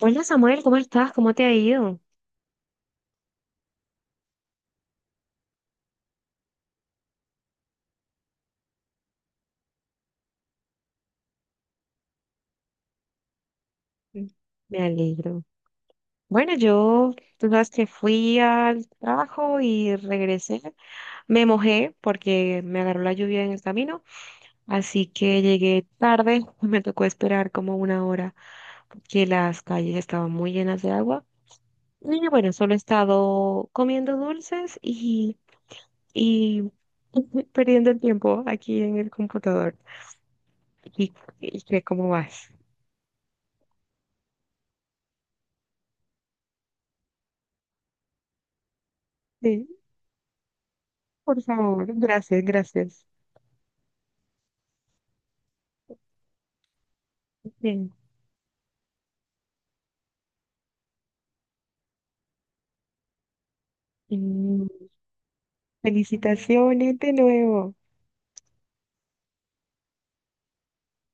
Hola Samuel, ¿cómo estás? ¿Cómo te ha ido? Mm. Me alegro. Bueno, tú sabes que fui al trabajo y regresé. Me mojé porque me agarró la lluvia en el camino, así que llegué tarde. Me tocó esperar como una hora porque las calles estaban muy llenas de agua. Y bueno, solo he estado comiendo dulces y perdiendo el tiempo aquí en el computador. ¿Y, y qué, ¿cómo vas? Sí, por favor, gracias, gracias. Bien. Mm, Felicitaciones de nuevo.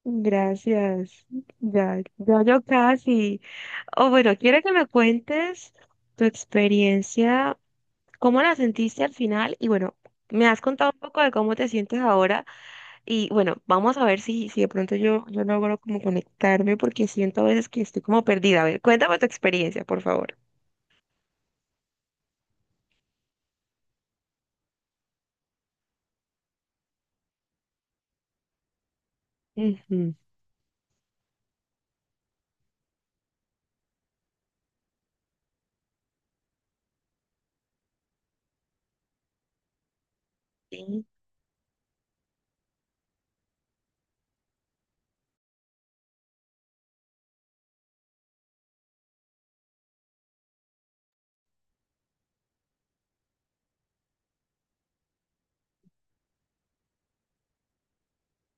Gracias. Ya, ya yo casi. O bueno, quiero que me cuentes tu experiencia, cómo la sentiste al final y bueno, me has contado un poco de cómo te sientes ahora y bueno, vamos a ver si de pronto yo logro como conectarme porque siento a veces que estoy como perdida. A ver, cuéntame tu experiencia, por favor. Ujú. Sí,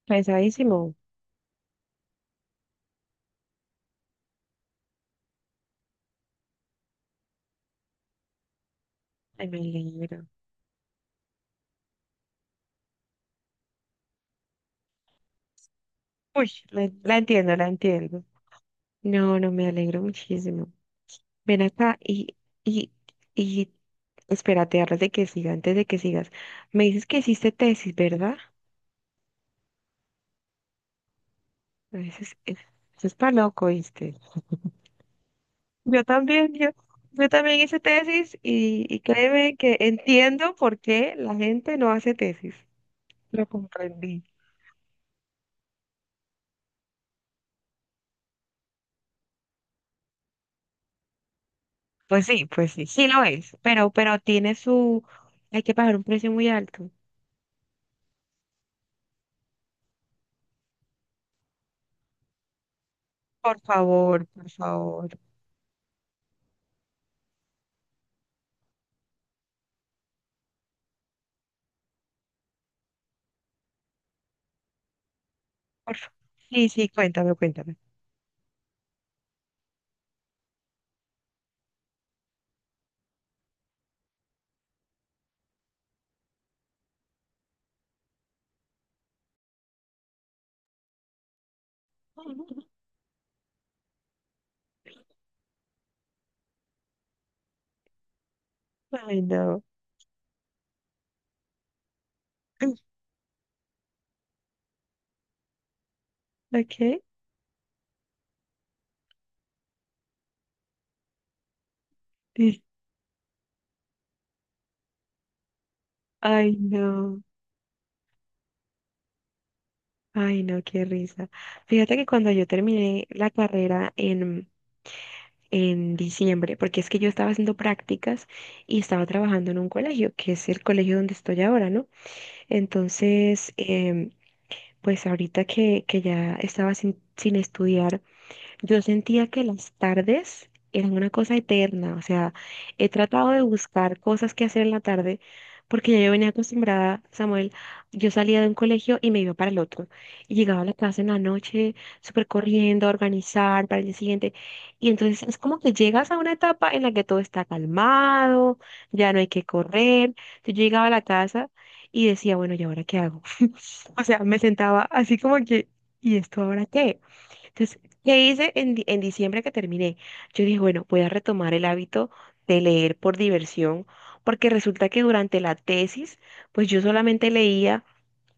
pesadísimo. Ay, me alegro. Uy, la entiendo, la entiendo. No, no, me alegro muchísimo. Ven acá y, y espérate, antes de que siga, antes de que sigas. Me dices que hiciste tesis, ¿verdad? A veces, eso es para loco, ¿viste? Yo también, yo también hice tesis y créeme que entiendo por qué la gente no hace tesis. Lo comprendí. Pues sí, sí lo es, pero tiene su, hay que pagar un precio muy alto. Por favor, por favor, por favor. Sí, sí, cuéntame, cuéntame. Ay, no. Ok. Ay, no. Ay, no, qué risa. Fíjate que cuando yo terminé la carrera en diciembre, porque es que yo estaba haciendo prácticas y estaba trabajando en un colegio, que es el colegio donde estoy ahora, ¿no? Entonces, pues ahorita que ya estaba sin estudiar. Yo sentía que las tardes eran una cosa eterna, o sea, he tratado de buscar cosas que hacer en la tarde, porque ya yo venía acostumbrada, Samuel, yo salía de un colegio y me iba para el otro, y llegaba a la casa en la noche, súper corriendo, a organizar para el día siguiente, y entonces es como que llegas a una etapa en la que todo está calmado, ya no hay que correr, yo llegaba a la casa y decía, bueno, ¿y ahora qué hago? O sea, me sentaba así como que, ¿y esto ahora qué? Entonces, ¿qué hice en diciembre que terminé? Yo dije, bueno, voy a retomar el hábito de leer por diversión, porque resulta que durante la tesis, pues yo solamente leía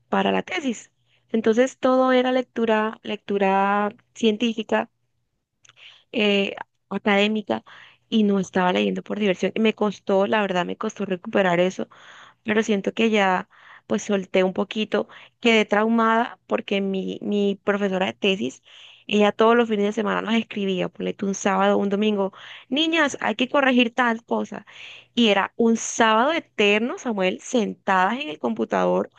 para la tesis. Entonces, todo era lectura, lectura científica, eh, académica, y no estaba leyendo por diversión. Y me costó, la verdad, me costó recuperar eso, pero siento que ya pues solté un poquito, quedé traumada porque mi profesora de tesis, ella todos los fines de semana nos escribía, ponle tú un sábado, un domingo, niñas, hay que corregir tal cosa. Y era un sábado eterno, Samuel, sentadas en el computador,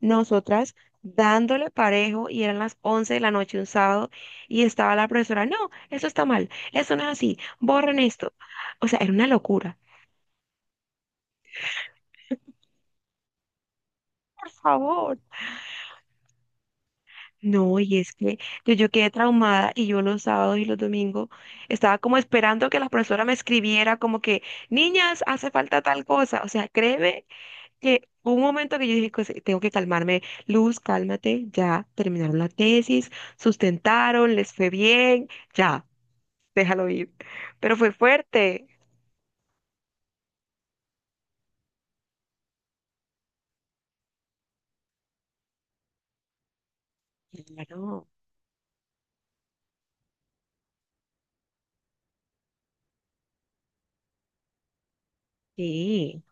nosotras dándole parejo y eran las 11 de la noche un sábado y estaba la profesora, no, eso está mal, eso no es así, borren esto. O sea, era una locura. Por favor. No, y es que yo quedé traumada y yo los sábados y los domingos estaba como esperando que la profesora me escribiera como que, niñas, hace falta tal cosa. O sea, créeme que hubo un momento que yo dije, "Pues, tengo que calmarme, Luz, cálmate, ya terminaron la tesis, sustentaron, les fue bien, ya, déjalo ir. Pero fue fuerte. Claro, sí.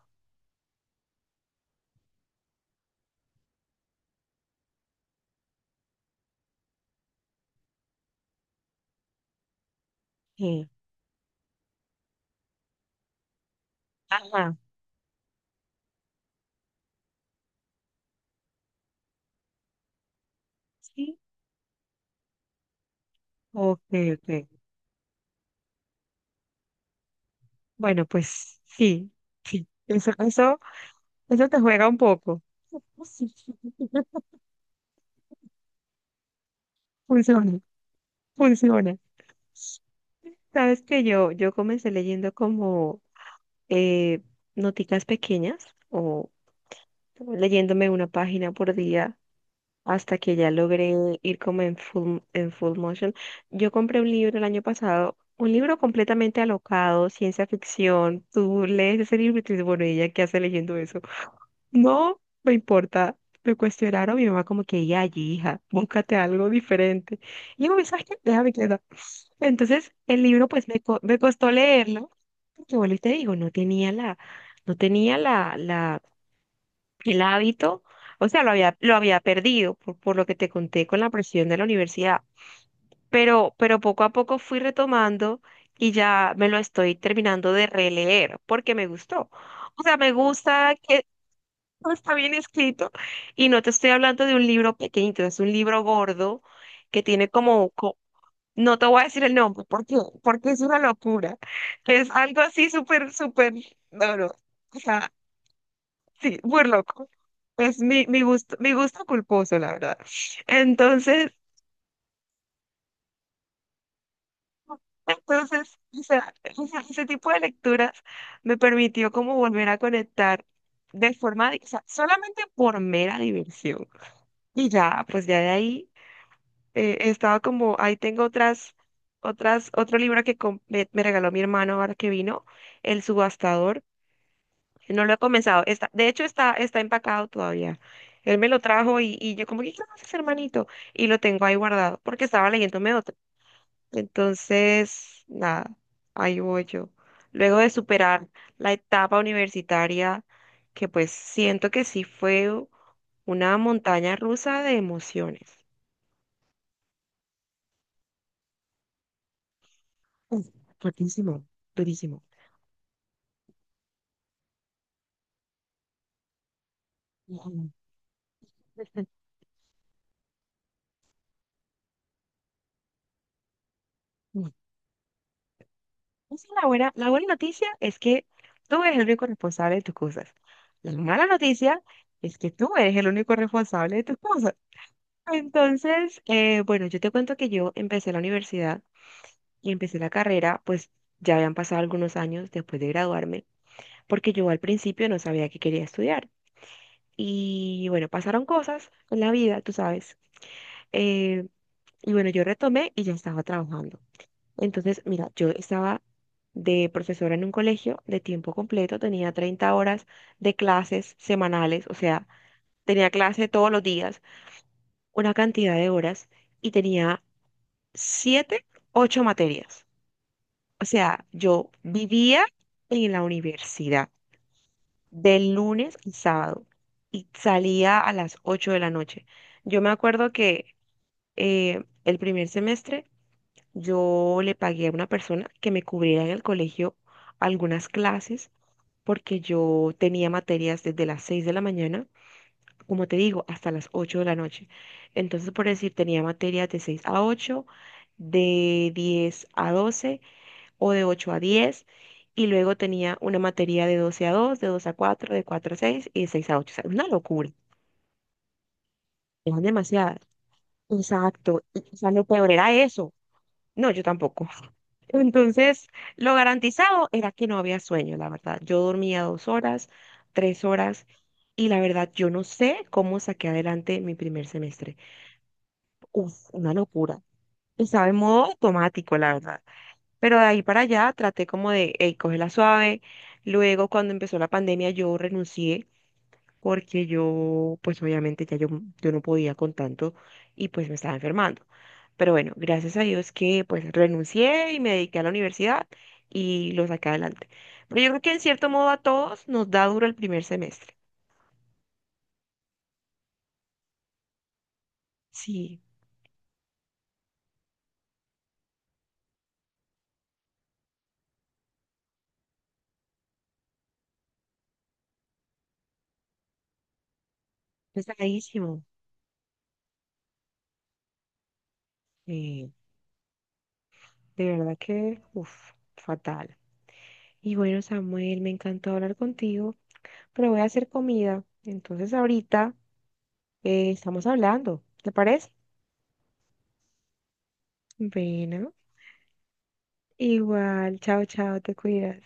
Sí. Ajá, sí. Ok, ok. Bueno, pues sí, eso, eso, eso te juega un poco. Funciona, funciona. Sabes que yo comencé leyendo como eh, noticas pequeñas o leyéndome una página por día hasta que ya logré ir como en full motion. Yo compré un libro el año pasado, un libro completamente alocado, ciencia ficción. Tú lees ese libro y te dices, bueno, ¿y ella qué hace leyendo eso? No me importa. Me cuestionaron, mi mamá como que, ya, hija, búscate algo diferente. Y yo, ¿sabes qué? Déjame quedar. Entonces, el libro pues me, me costó leerlo, porque bueno, y te digo, no tenía la, no tenía la, la, el hábito, o sea, lo había perdido por lo que te conté con la presión de la universidad, pero poco a poco fui retomando y ya me lo estoy terminando de releer, porque me gustó. O sea, me gusta que todo está bien escrito y no te estoy hablando de un libro pequeñito, es un libro gordo que tiene como, no te voy a decir el nombre, porque, porque es una locura. Es algo así súper, súper, no, no, o sea, sí, muy loco. Es mi, mi gusto culposo, la verdad. Entonces, entonces, o sea, ese tipo de lecturas me permitió como volver a conectar de forma, di- o sea, solamente por mera diversión. Y ya, pues ya de ahí. Estaba como, ahí tengo otro libro que me regaló mi hermano ahora que vino, El Subastador. No lo he comenzado. De hecho, está empacado todavía. Él me lo trajo y yo como, ¿qué haces, hermanito? Y lo tengo ahí guardado porque estaba leyéndome otro. Entonces, nada, ahí voy yo. Luego de superar la etapa universitaria, que pues siento que sí fue una montaña rusa de emociones. Uf, fuertísimo, durísimo. Ujú, ujú. Esa es la buena noticia es que tú eres el único responsable de tus cosas. La mala noticia es que tú eres el único responsable de tus cosas. Entonces, bueno, yo te cuento que yo empecé la universidad y empecé la carrera, pues ya habían pasado algunos años después de graduarme, porque yo al principio no sabía qué quería estudiar. Y bueno, pasaron cosas en la vida, tú sabes. eh, y bueno, yo retomé y ya estaba trabajando. Entonces, mira, yo estaba de profesora en un colegio de tiempo completo, tenía 30 horas de clases semanales, o sea, tenía clase todos los días, una cantidad de horas y tenía 7, 8 materias. O sea, yo vivía en la universidad de lunes a sábado y salía a las 8 de la noche. Yo me acuerdo que el primer semestre yo le pagué a una persona que me cubriera en el colegio algunas clases porque yo tenía materias desde las 6 de la mañana, como te digo, hasta las 8 de la noche. Entonces, por decir, tenía materias de 6 a ocho, de 10 a 12 o de 8 a diez, y luego tenía una materia de 12 a dos, de 2 a cuatro, de cuatro a 6 y de 6 a ocho. O sea, una locura, eran demasiadas. Exacto. Y, o sea, lo peor era eso. No, yo tampoco. Entonces, lo garantizado era que no había sueño, la verdad. Yo dormía 2 horas, 3 horas, y la verdad, yo no sé cómo saqué adelante mi primer semestre. Uf, una locura. Estaba en modo automático, la verdad. Pero de ahí para allá traté como de, hey, la suave. Luego, cuando empezó la pandemia, yo renuncié porque yo, pues obviamente ya yo no podía con tanto y pues me estaba enfermando. Pero bueno, gracias a Dios que pues renuncié y me dediqué a la universidad y lo saqué adelante. Pero yo creo que en cierto modo a todos nos da duro el primer semestre. Sí, pesadísimo. eh, de verdad que, uff, fatal. Y bueno, Samuel, me encantó hablar contigo, pero voy a hacer comida. Entonces ahorita estamos hablando, ¿te parece? Bueno, igual, chao, chao, te cuidas.